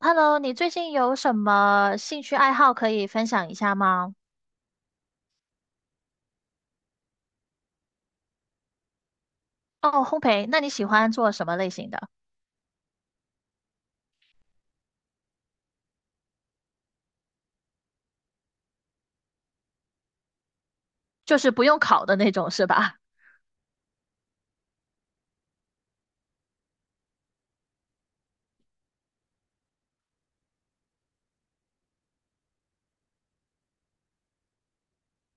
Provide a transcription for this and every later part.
Hello，你最近有什么兴趣爱好可以分享一下吗？哦，烘焙，那你喜欢做什么类型的？就是不用烤的那种，是吧？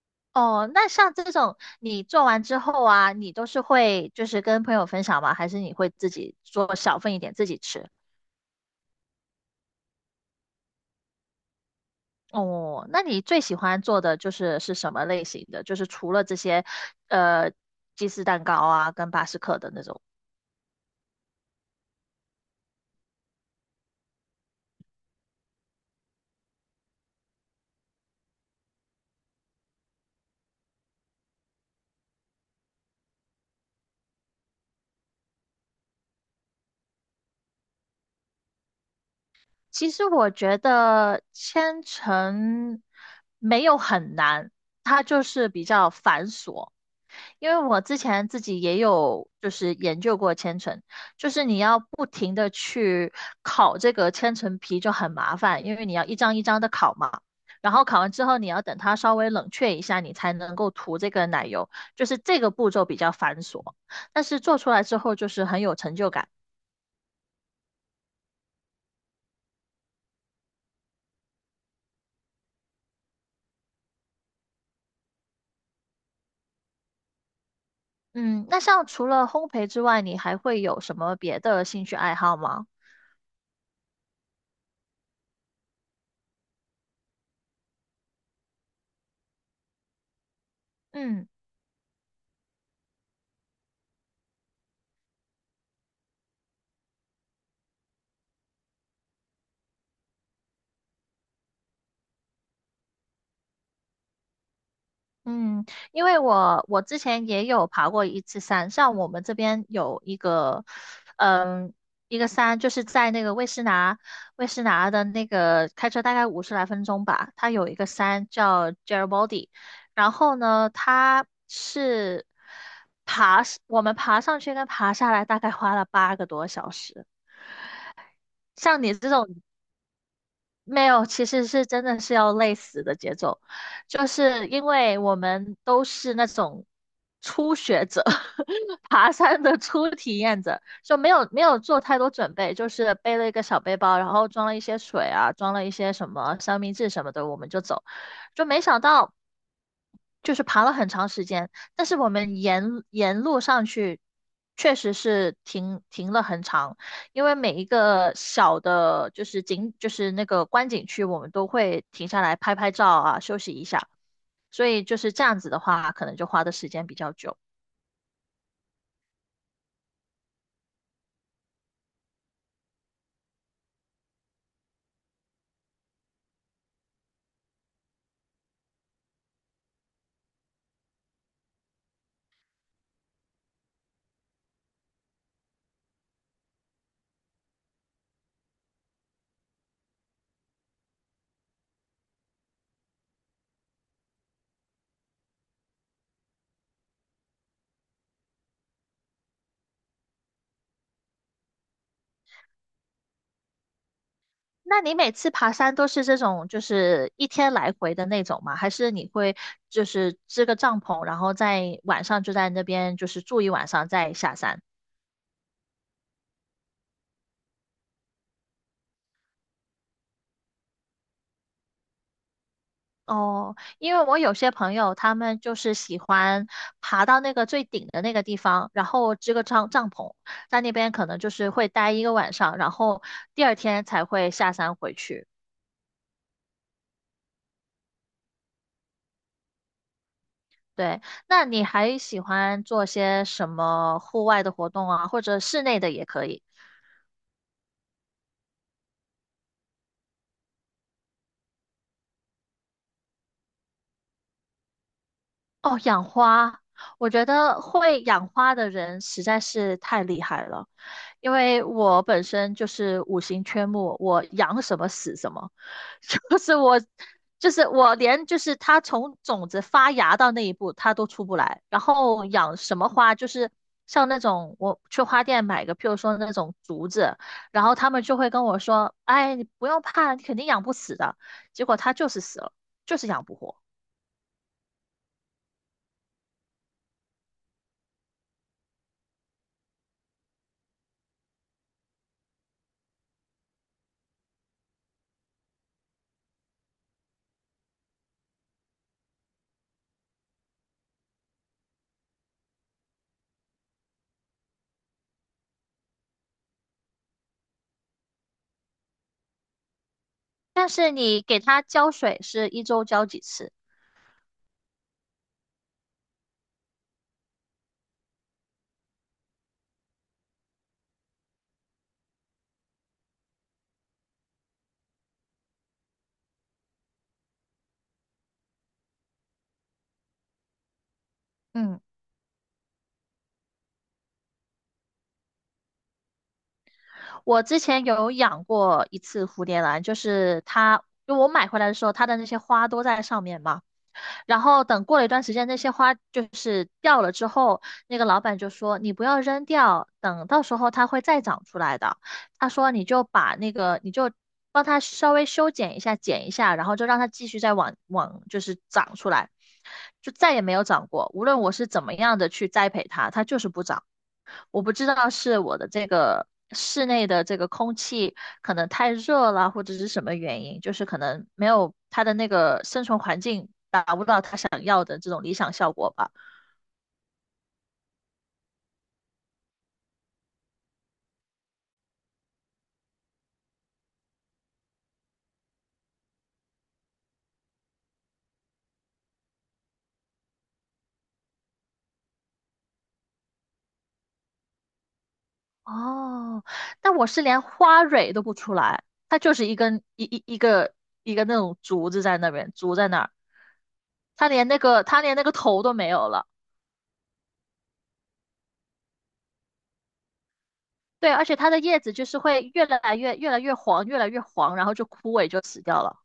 哦，那像这种你做完之后啊，你都是会就是跟朋友分享吗？还是你会自己做小份一点自己吃？哦，那你最喜欢做的就是是什么类型的？就是除了这些，呃，鸡丝蛋糕啊，跟巴斯克的那种。其实我觉得千层没有很难，它就是比较繁琐。因为我之前自己也有就是研究过千层，就是你要不停的去烤这个千层皮就很麻烦，因为你要一张一张的烤嘛。然后烤完之后，你要等它稍微冷却一下，你才能够涂这个奶油，就是这个步骤比较繁琐，但是做出来之后就是很有成就感。嗯，那像除了烘焙之外，你还会有什么别的兴趣爱好吗？嗯嗯，因为我之前也有爬过一次山，像我们这边有一个，嗯，一个山就是在那个魏诗拿，魏诗拿的那个开车大概50来分钟吧，它有一个山叫 Jeribody。 然后呢，它是爬，我们爬上去跟爬下来大概花了8个多小时。像你这种，没有，其实是真的是要累死的节奏，就是因为我们都是那种初学者，爬山的初体验者，就没有做太多准备，就是背了一个小背包，然后装了一些水啊，装了一些什么三明治什么的，我们就走，就没想到。就是爬了很长时间，但是我们沿路上去，确实是停了很长，因为每一个小的，就是景，就是那个观景区，我们都会停下来拍拍照啊，休息一下，所以就是这样子的话，可能就花的时间比较久。那你每次爬山都是这种，就是一天来回的那种吗？还是你会就是支个帐篷，然后在晚上就在那边就是住一晚上再下山？哦，因为我有些朋友他们就是喜欢爬到那个最顶的那个地方，然后支个帐篷，在那边可能就是会待1个晚上，然后第二天才会下山回去。对，那你还喜欢做些什么户外的活动啊，或者室内的也可以？哦，养花，我觉得会养花的人实在是太厉害了，因为我本身就是五行缺木，我养什么死什么，就是我，就是我连就是它从种子发芽到那一步它都出不来，然后养什么花就是像那种我去花店买个，譬如说那种竹子，然后他们就会跟我说，哎，你不用怕，你肯定养不死的，结果它就是死了，就是养不活。但是你给它浇水是一周浇几次？嗯，我之前有养过一次蝴蝶兰，就是它，就我买回来的时候，它的那些花都在上面嘛。然后等过了一段时间，那些花就是掉了之后，那个老板就说你不要扔掉，等到时候它会再长出来的。他说你就把那个你就帮它稍微修剪一下，剪一下，然后就让它继续再往就是长出来，就再也没有长过。无论我是怎么样的去栽培它，它就是不长。我不知道是我的这个室内的这个空气可能太热了，或者是什么原因，就是可能没有它的那个生存环境达不到它想要的这种理想效果吧。哦，但我是连花蕊都不出来，它就是一根一一一个一个那种竹子在那边，竹在那儿，它连那个它连那个头都没有了。对，而且它的叶子就是会越来越黄，越来越黄，然后就枯萎就死掉了。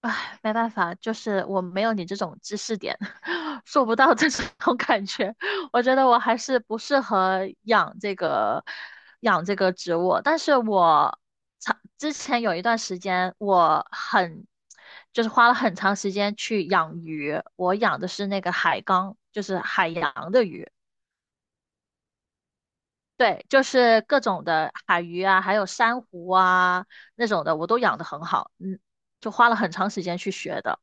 唉，没办法，就是我没有你这种知识点，做不到这种 感觉。我觉得我还是不适合养这个养这个植物。但是我长之前有一段时间，我很就是花了很长时间去养鱼。我养的是那个海缸，就是海洋的鱼。对，就是各种的海鱼啊，还有珊瑚啊那种的，我都养得很好。嗯，就花了很长时间去学的。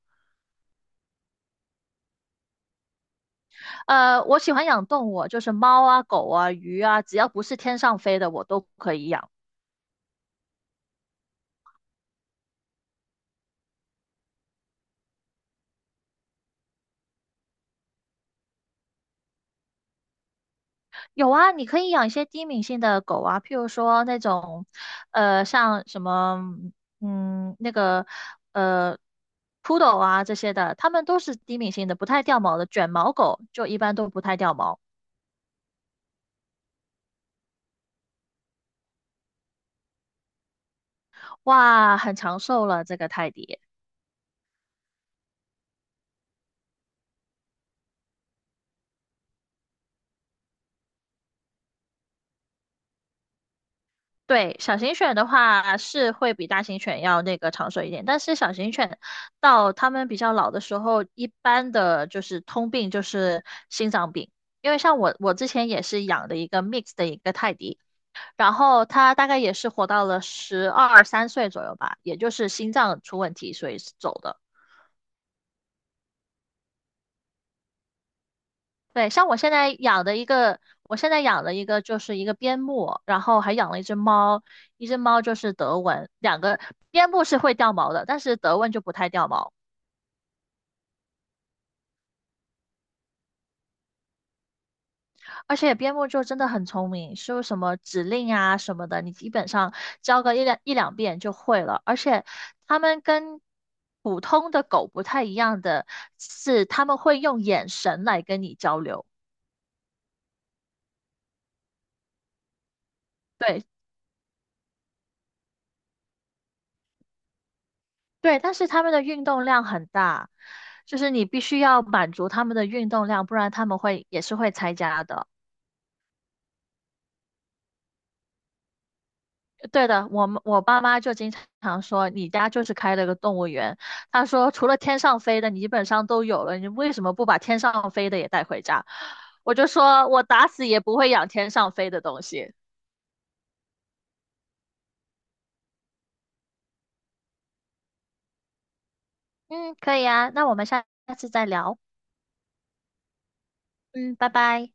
我喜欢养动物，就是猫啊、狗啊、鱼啊，只要不是天上飞的，我都可以养。有啊，你可以养一些低敏性的狗啊，譬如说那种，像什么，嗯，那个，呃，poodle 啊这些的，它们都是低敏性的，不太掉毛的。卷毛狗就一般都不太掉毛，哇，很长寿了这个泰迪。对，小型犬的话是会比大型犬要那个长寿一点，但是小型犬到它们比较老的时候，一般的就是通病就是心脏病。因为像我，我之前也是养的一个 mix 的一个泰迪，然后它大概也是活到了12、13岁左右吧，也就是心脏出问题，所以是走的。对，像我现在养的一个，我现在养的一个就是一个边牧，然后还养了一只猫，一只猫就是德文，两个边牧是会掉毛的，但是德文就不太掉毛，而且边牧就真的很聪明，是什么指令啊什么的，你基本上教个一两遍就会了，而且它们跟普通的狗不太一样的是，它们会用眼神来跟你交流。对，对，但是他们的运动量很大，就是你必须要满足他们的运动量，不然他们会也是会拆家的。对的，我爸妈就经常说，你家就是开了个动物园。他说，除了天上飞的，你基本上都有了，你为什么不把天上飞的也带回家？我就说，我打死也不会养天上飞的东西。嗯，可以啊，那我们下下次再聊。嗯，拜拜。